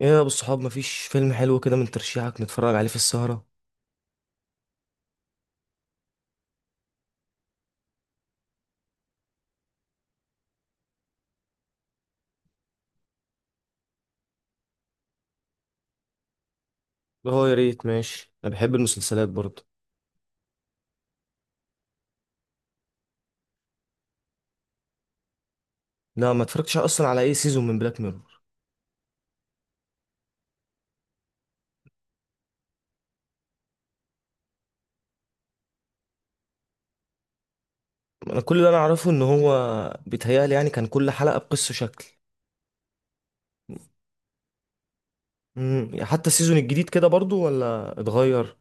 ايه يا ابو الصحاب؟ مفيش فيلم حلو كده من ترشيحك نتفرج عليه في السهرة؟ هو يا ريت، ماشي. انا بحب المسلسلات برضه. لا، ما اتفرجتش اصلا على اي سيزون من بلاك ميرور. انا كل اللي انا اعرفه ان هو بيتهيألي يعني كان كل حلقة بقصة شكل. حتى السيزون الجديد كده برضه، ولا اتغير؟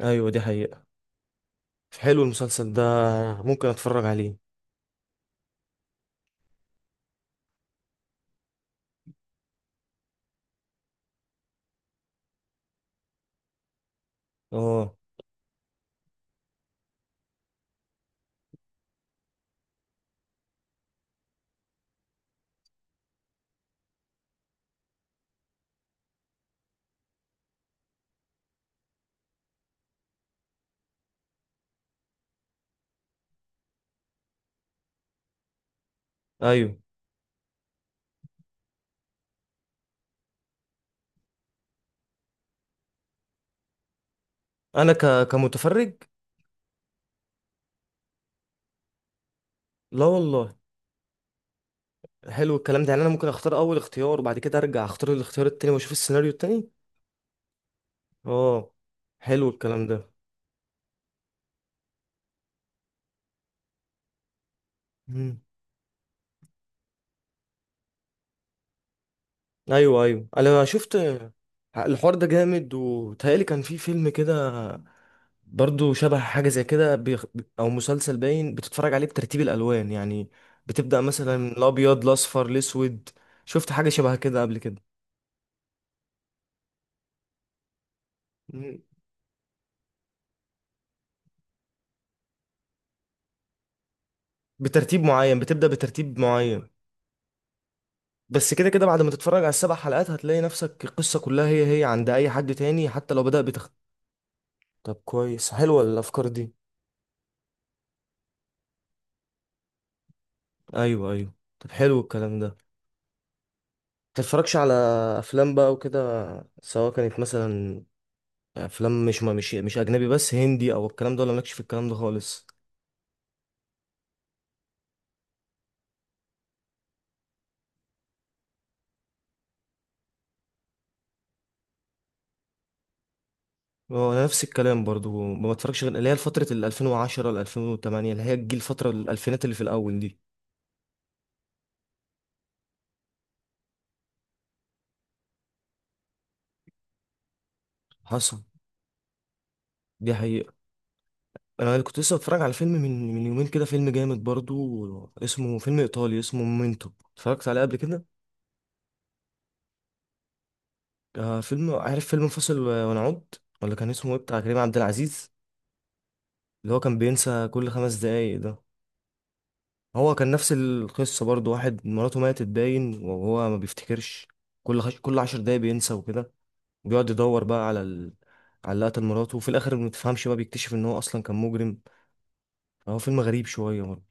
ايوه، دي حقيقة. حلو المسلسل ده، ممكن اتفرج عليه. اه، ايوه. انا كمتفرج. لا والله. حلو الكلام ده يعني، انا ممكن اختار اول اختيار وبعد كده ارجع اختار الاختيار التاني واشوف السيناريو التاني. اه، حلو الكلام ده. مم. ايوه ايوه، انا شفت الحوار ده جامد، وتهيألي كان في فيلم كده برضو شبه حاجة زي كده او مسلسل، باين بتتفرج عليه بترتيب الالوان يعني. بتبدأ مثلا من الابيض، الاصفر، الاسود. شفت حاجة شبه كده قبل كده. مم. بترتيب معين، بتبدأ بترتيب معين. بس كده كده بعد ما تتفرج على السبع حلقات، هتلاقي نفسك القصة كلها هي هي عند اي حد تاني، حتى لو بدأ طب كويس، حلوة الافكار دي. ايوه ايوه، طب حلو الكلام ده. متتفرجش على افلام بقى وكده، سواء كانت مثلا افلام مش، ما مش مش اجنبي بس، هندي او الكلام ده، ولا مالكش في الكلام ده خالص؟ هو انا نفس الكلام برضو، ما بتفرجش غير اللي هي فتره ال 2010 ل 2008، اللي هي الجيل، الفتره الالفينات اللي في الاول دي. حصل، دي حقيقه. انا كنت لسه بتفرج على فيلم من يومين كده، فيلم جامد برضو اسمه، فيلم ايطالي اسمه مومنتو. اتفرجت عليه قبل كده؟ فيلم، عارف فيلم فاصل ونعود؟ ولا كان اسمه ايه بتاع كريم عبد العزيز، اللي هو كان بينسى كل خمس دقايق ده؟ هو كان نفس القصة برضو، واحد مراته ماتت، باين، وهو ما بيفتكرش. كل عشر دقايق بينسى وكده، وبيقعد يدور بقى على اللي قتل مراته، وفي الآخر ما تفهمش بقى، بيكتشف إن هو أصلا كان مجرم. هو فيلم غريب شوية برضه.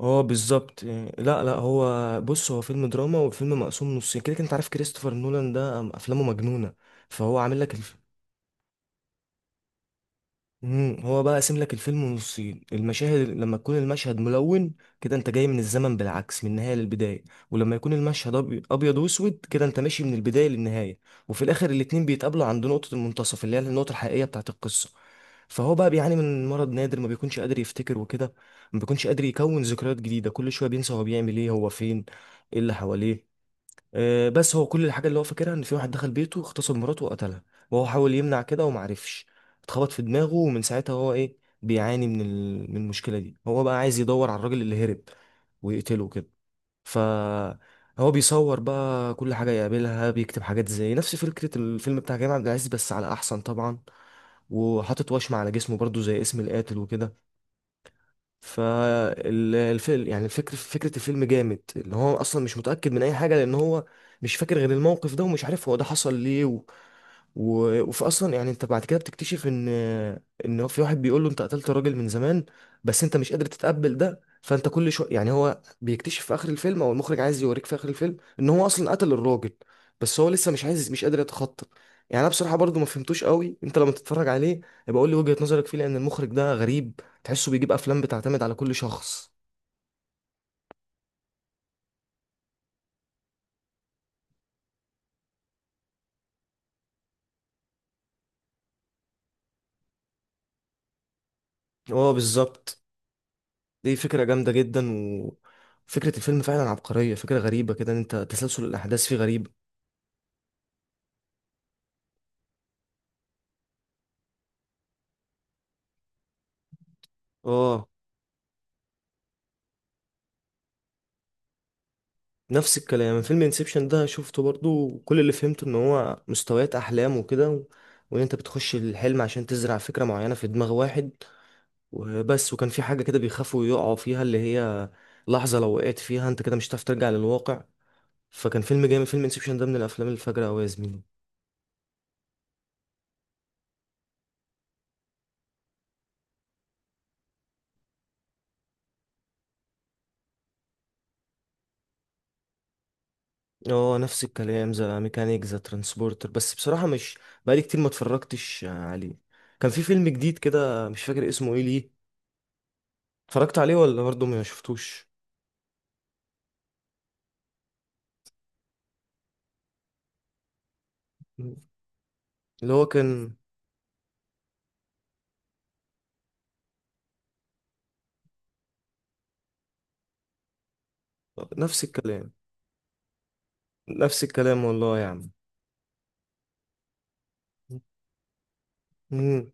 اه بالظبط يعني. لا لا، هو بص، هو فيلم دراما، وفيلم مقسوم نصين كده كده. انت عارف كريستوفر نولان ده؟ افلامه مجنونه. فهو عامل لك امم، هو بقى قاسم لك الفيلم نصين المشاهد. لما تكون المشهد ملون كده، انت جاي من الزمن بالعكس، من النهايه للبدايه. ولما يكون المشهد ابيض واسود كده، انت ماشي من البدايه للنهايه. وفي الاخر الاتنين بيتقابلوا عند نقطه المنتصف، اللي هي النقطه الحقيقيه بتاعه القصه. فهو بقى بيعاني من مرض نادر، ما بيكونش قادر يفتكر وكده. ما بيكونش قادر يكون ذكريات جديده، كل شويه بينسى هو بيعمل ايه، هو فين، ايه اللي حواليه. بس هو كل الحاجة اللي هو فاكرها، ان في واحد دخل بيته، اغتصب مراته وقتلها، وهو حاول يمنع كده ومعرفش، اتخبط في دماغه، ومن ساعتها هو ايه، بيعاني من المشكلة دي. هو بقى عايز يدور على الراجل اللي هرب ويقتله كده. ف هو بيصور بقى كل حاجة يقابلها، بيكتب حاجات، زي نفس فكرة الفيلم بتاع كريم عبد العزيز بس على أحسن طبعا، وحاطط وشم على جسمه برضو زي اسم القاتل وكده. فالفيلم يعني، فكرة الفيلم جامد، اللي هو اصلا مش متأكد من اي حاجة، لان هو مش فاكر غير الموقف ده، ومش عارف هو ده حصل ليه وفي اصلا يعني، انت بعد كده بتكتشف ان هو في واحد بيقول له انت قتلت راجل من زمان، بس انت مش قادر تتقبل ده، فانت كل شويه يعني، هو بيكتشف في اخر الفيلم، او المخرج عايز يوريك في اخر الفيلم، ان هو اصلا قتل الراجل، بس هو لسه مش عايز، مش قادر يتخطى. يعني انا بصراحه برضو ما فهمتوش قوي. انت لما تتفرج عليه يبقى قول لي وجهه نظرك فيه، لان المخرج ده غريب، تحسه بيجيب افلام بتعتمد على كل شخص. اه بالظبط. دي فكرة جامدة جدا، وفكرة الفيلم فعلا عبقرية. فكرة غريبة كده، ان انت تسلسل الاحداث فيه غريب. اه، نفس الكلام. فيلم انسبشن ده شفته برضو، وكل اللي فهمته ان هو مستويات احلام وكده وان انت بتخش الحلم عشان تزرع فكرة معينة في دماغ واحد وبس. وكان في حاجة كده بيخافوا يقعوا فيها، اللي هي لحظة لو وقعت فيها انت كده، مش هتعرف ترجع للواقع. فكان فيلم جامد، فيلم انسبشن ده من الافلام الفجرة اوي يا زميلي. هو نفس الكلام، زي ميكانيك، زي ترانسبورتر، بس بصراحة مش، بقالي كتير ما اتفرجتش عليه. كان في فيلم جديد كده مش فاكر اسمه ايه ليه. اتفرجت عليه ولا برضه ما شفتوش؟ اللي هو كان، نفس الكلام. نفس الكلام والله يا عم. مم.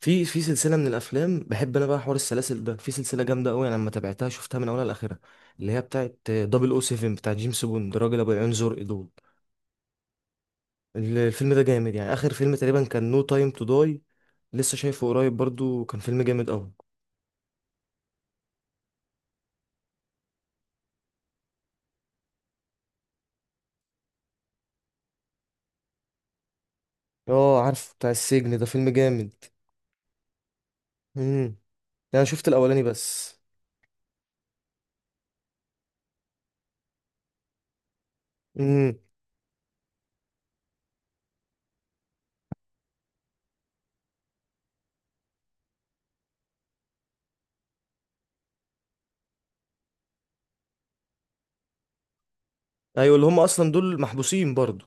في سلسلة من الافلام بحب، انا بقى حوار السلاسل ده. في سلسلة جامدة قوي انا لما تابعتها، شفتها من اولها لاخرها، اللي هي بتاعت 007 بتاع جيمس بوند، راجل ابو العيون زرق دول. الفيلم ده جامد يعني. اخر فيلم تقريبا كان نو تايم تو داي، لسه شايفه قريب برضو، كان فيلم جامد قوي. اه عارف، بتاع السجن ده، فيلم جامد. امم، انا شفت الاولاني بس. امم، ايوه، اللي هم اصلا دول محبوسين برضو.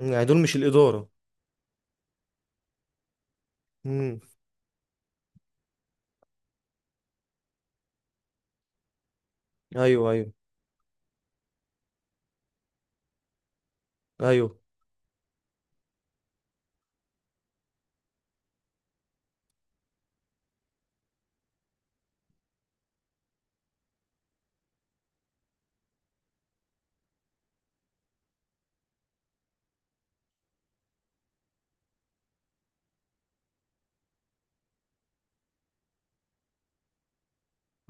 مم. يعني دول مش الاداره. امم. ايوه ايوه ايوه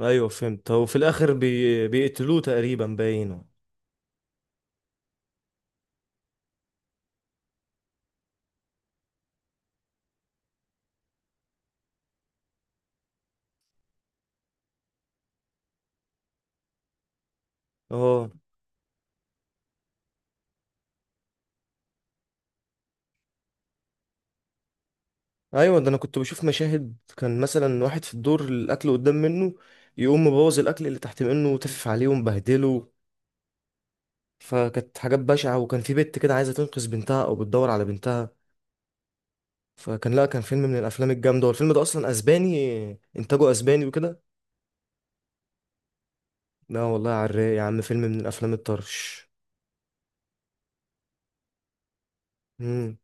ايوه، فهمت. هو في الاخر بيقتلوه تقريبا باينه. اه ايوه. ده انا كنت بشوف مشاهد، كان مثلا واحد في الدور، الاكل قدام منه، يقوم مبوظ الاكل اللي تحت منه وتفف عليه ومبهدله. فكانت حاجات بشعة. وكان في بنت كده عايزة تنقذ بنتها أو بتدور على بنتها. فكان، لا كان فيلم من الأفلام الجامدة، والفيلم ده أصلا أسباني، إنتاجه أسباني وكده. لا والله، على الرايق يا عم، فيلم من الأفلام الطرش. مم.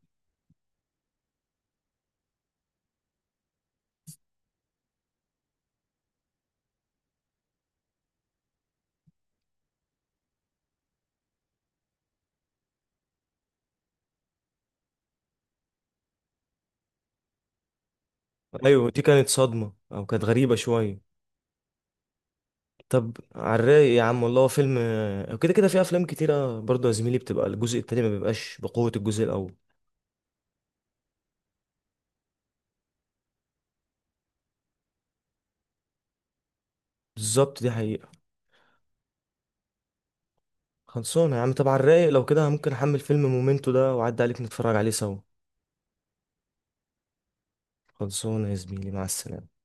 أيوة، دي كانت صدمة، أو كانت غريبة شوية. طب على الرايق يا عم. والله هو فيلم، كده كده في أفلام كتيرة برضه يا زميلي بتبقى الجزء التاني ما بيبقاش بقوة الجزء الأول. بالظبط، دي حقيقة. خلصانة يا عم. طب على الرايق، لو كده ممكن أحمل فيلم مومنتو ده وأعدي عليك نتفرج عليه سوا. خلصانة يا زميلي، مع السلامة.